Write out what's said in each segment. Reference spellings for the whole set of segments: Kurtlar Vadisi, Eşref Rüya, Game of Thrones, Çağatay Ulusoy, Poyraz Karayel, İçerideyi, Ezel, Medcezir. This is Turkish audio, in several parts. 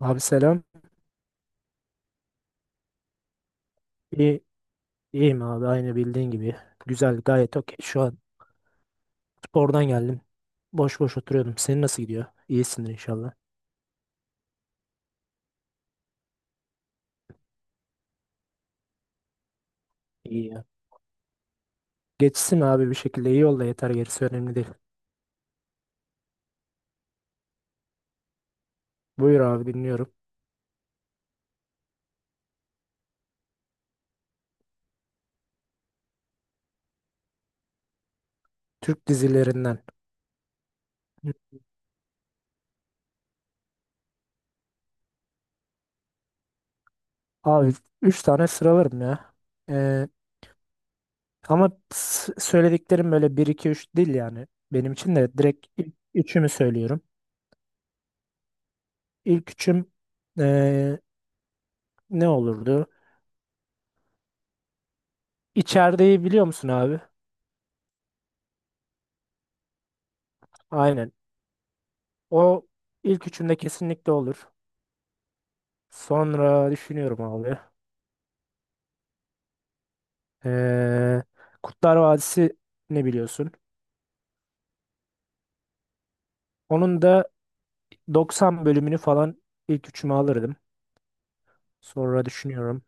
Abi selam. İyi, iyiyim abi aynı bildiğin gibi. Güzel gayet okey. Şu an spordan geldim. Boş boş oturuyordum. Senin nasıl gidiyor? İyisindir inşallah. İyi ya. Geçsin abi bir şekilde iyi ol da yeter gerisi önemli değil. Buyur abi dinliyorum. Türk dizilerinden. Abi 3 tane sıralarım ya. Ee, ama söylediklerim böyle bir 2 3 değil yani. Benim için de direkt ilk üçümü söylüyorum. İlk üçüm ee, ne olurdu? İçerideyi biliyor musun abi? Aynen. O ilk üçümde kesinlikle olur. Sonra düşünüyorum abi. Ee, Kurtlar Vadisi ne biliyorsun? Onun da 90 bölümünü falan ilk üçüme alırdım. Sonra düşünüyorum.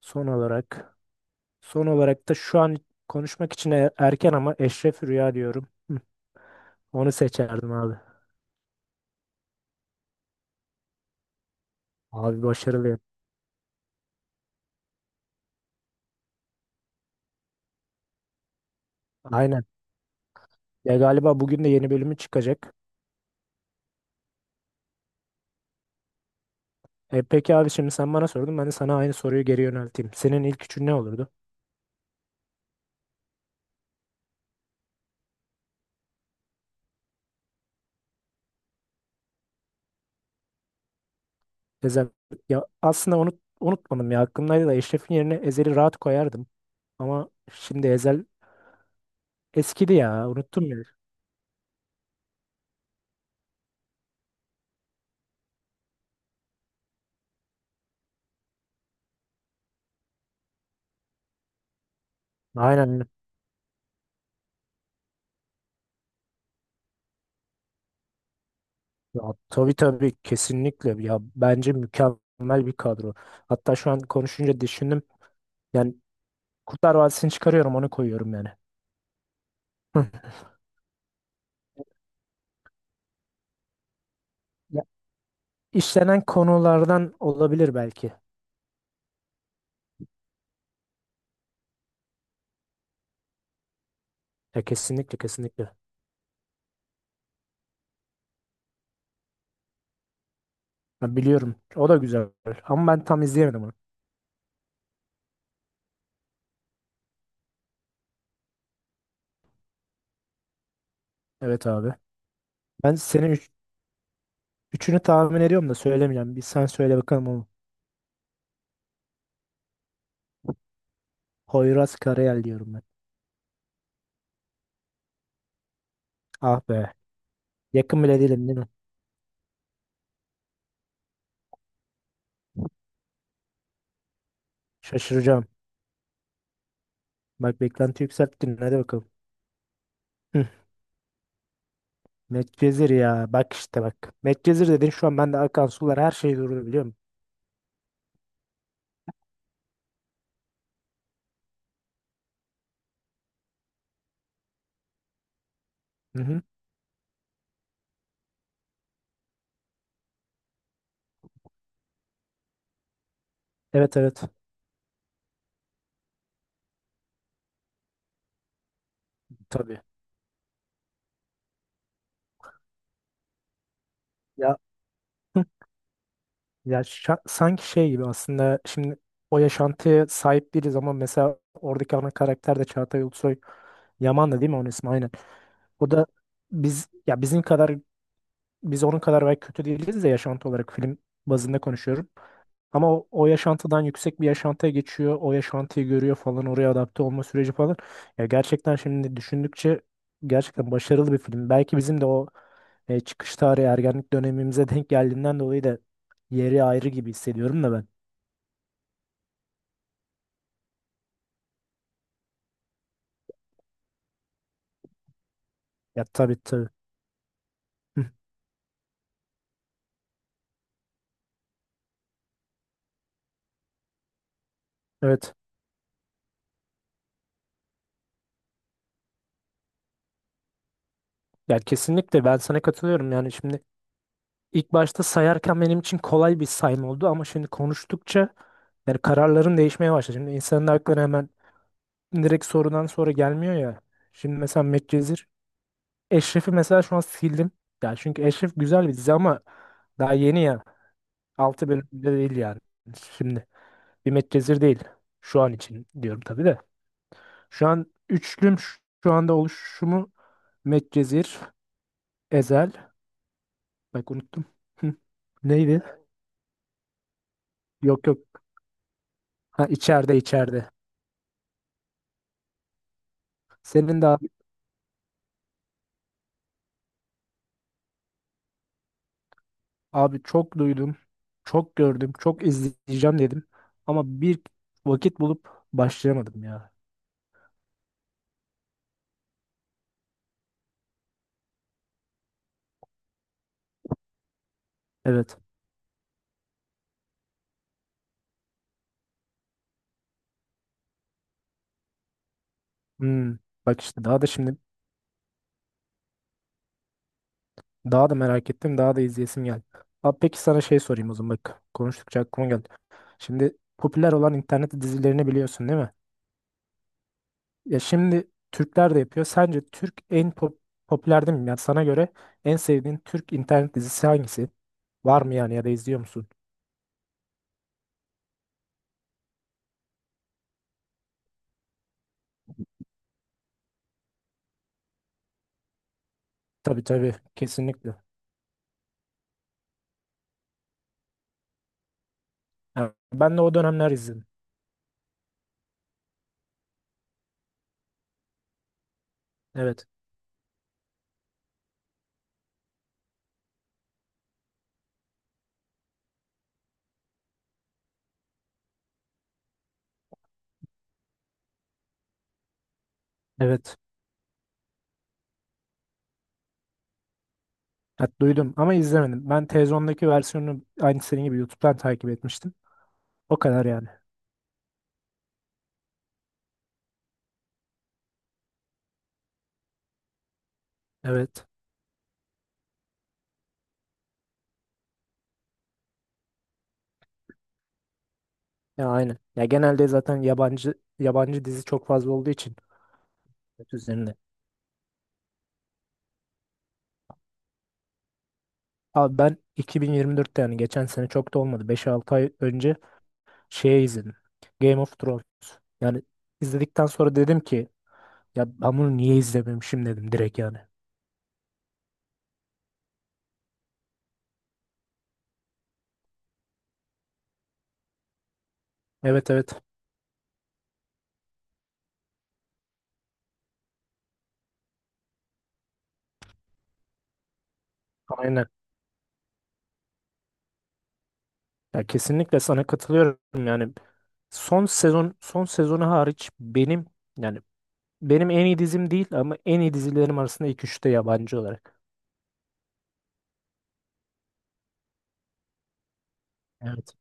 Son olarak. Son olarak da şu an konuşmak için erken ama Eşref Rüya diyorum. Hı, onu seçerdim abi. Abi başarılıyım. Aynen. Ya galiba bugün de yeni bölümü çıkacak. E, peki abi şimdi sen bana sordun. Ben de sana aynı soruyu geri yönelteyim. Senin ilk üçün ne olurdu? Ezel. Ya aslında onu unutmadım ya. Aklımdaydı da Eşref'in yerine Ezel'i rahat koyardım. Ama şimdi Ezel eskidi ya. Unuttum ya. Aynen. Ya, tabii tabii kesinlikle. Ya bence mükemmel bir kadro. Hatta şu an konuşunca düşündüm. Yani Kurtlar Vadisi'ni çıkarıyorum onu koyuyorum yani. Ya, işlenen konulardan olabilir belki. Ya kesinlikle kesinlikle. Ben biliyorum. O da güzel. Ama ben tam izleyemedim onu. Evet abi. Ben senin üçünü tahmin ediyorum da söylemeyeceğim. Bir sen söyle bakalım onu. Poyraz Karayel diyorum ben. Ah be. Yakın bile değilim değil mi? Şaşıracağım. Bak beklenti yükselttin. Hadi bakalım. Hıh. Medcezir ya. Bak işte bak. Medcezir dedin şu an bende akan sular her şey durdu biliyor musun? Hı hı. Evet evet. Tabii. Ya hıh. Ya sanki şey gibi aslında şimdi o yaşantıya sahip değiliz ama mesela oradaki ana karakter de Çağatay Ulusoy Yaman da değil mi onun ismi aynen. O da biz ya bizim kadar biz onun kadar belki kötü değiliz de yaşantı olarak film bazında konuşuyorum. Ama o yaşantıdan yüksek bir yaşantıya geçiyor. O yaşantıyı görüyor falan. Oraya adapte olma süreci falan. Ya gerçekten şimdi düşündükçe gerçekten başarılı bir film. Belki bizim de o çıkış tarihi ergenlik dönemimize denk geldiğinden dolayı da yeri ayrı gibi hissediyorum da ben. Ya tabii tabii. Hı, evet. Ya kesinlikle ben sana katılıyorum. Yani şimdi ilk başta sayarken benim için kolay bir sayım oldu ama şimdi konuştukça yani kararların değişmeye başladı. Şimdi insanın aklına hemen direkt sorudan sonra gelmiyor ya. Şimdi mesela Medcezir. Eşref'i mesela şu an sildim. Ya çünkü Eşref güzel bir dizi ama daha yeni ya. Altı bölümde değil yani. Şimdi bir Medcezir değil. Şu an için diyorum tabii de. Şu an üçlüm şu anda oluşumu Medcezir, Ezel. Bak unuttum. Hı. Neydi? Yok yok. Ha içeride içeride. Senin de abi çok duydum, çok gördüm, çok izleyeceğim dedim. Ama bir vakit bulup başlayamadım ya. Evet. Hmm. Bak işte daha da şimdi daha da merak ettim, daha da izleyesim geldi. Abi peki sana şey sorayım o zaman bak. Konuştukça aklıma geldi. Şimdi popüler olan internet dizilerini biliyorsun değil mi? Ya şimdi Türkler de yapıyor. Sence Türk en popüler değil mi? Yani sana göre en sevdiğin Türk internet dizisi hangisi? Var mı yani ya da izliyor musun? Tabii tabii kesinlikle. Yani ben de o dönemler izledim. Evet. Evet. Ha, duydum ama izlemedim. Ben televizyondaki versiyonunu aynı senin gibi YouTube'dan takip etmiştim. O kadar yani. Evet. Ya aynen. Ya genelde zaten yabancı yabancı dizi çok fazla olduğu için net üzerinde. Abi ben 2024'te yani geçen sene çok da olmadı. 5-6 ay önce şey izledim. Game of Thrones. Yani izledikten sonra dedim ki ya ben bunu niye izlememişim dedim direkt yani. Evet evet. Aynen. Ya kesinlikle sana katılıyorum yani. Son sezonu hariç benim yani benim en iyi dizim değil ama en iyi dizilerim arasında ilk üçte yabancı olarak. Evet.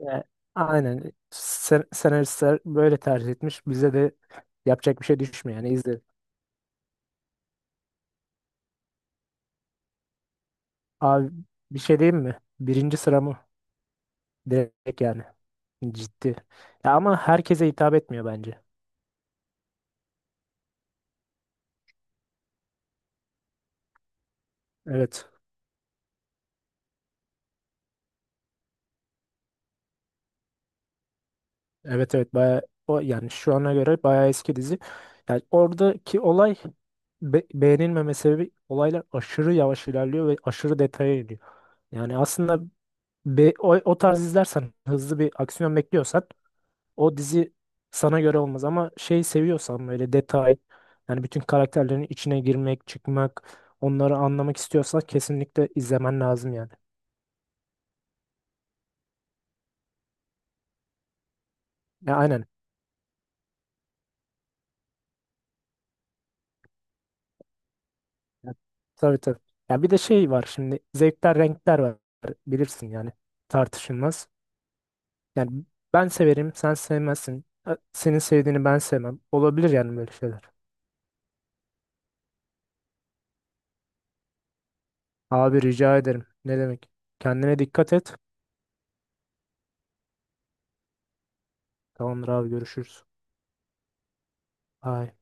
Ya, aynen. Senaristler böyle tercih etmiş. Bize de yapacak bir şey düşmüyor yani izle. Abi bir şey diyeyim mi? Birinci sıramı direkt yani. Ciddi. Ya ama herkese hitap etmiyor bence. Evet. Evet evet bayağı o yani şu ana göre bayağı eski dizi. Yani oradaki olay beğenilmeme sebebi olaylar aşırı yavaş ilerliyor ve aşırı detaya iniyor. Yani aslında o tarz izlersen hızlı bir aksiyon bekliyorsan o dizi sana göre olmaz ama şey seviyorsan böyle detay yani bütün karakterlerin içine girmek, çıkmak, onları anlamak istiyorsan kesinlikle izlemen lazım yani. Ya aynen. Ya, tabii tabii. Ya bir de şey var şimdi zevkler renkler var bilirsin yani tartışılmaz. Yani ben severim sen sevmezsin. Senin sevdiğini ben sevmem. Olabilir yani böyle şeyler. Abi rica ederim. Ne demek? Kendine dikkat et. Tamamdır abi görüşürüz. Bye.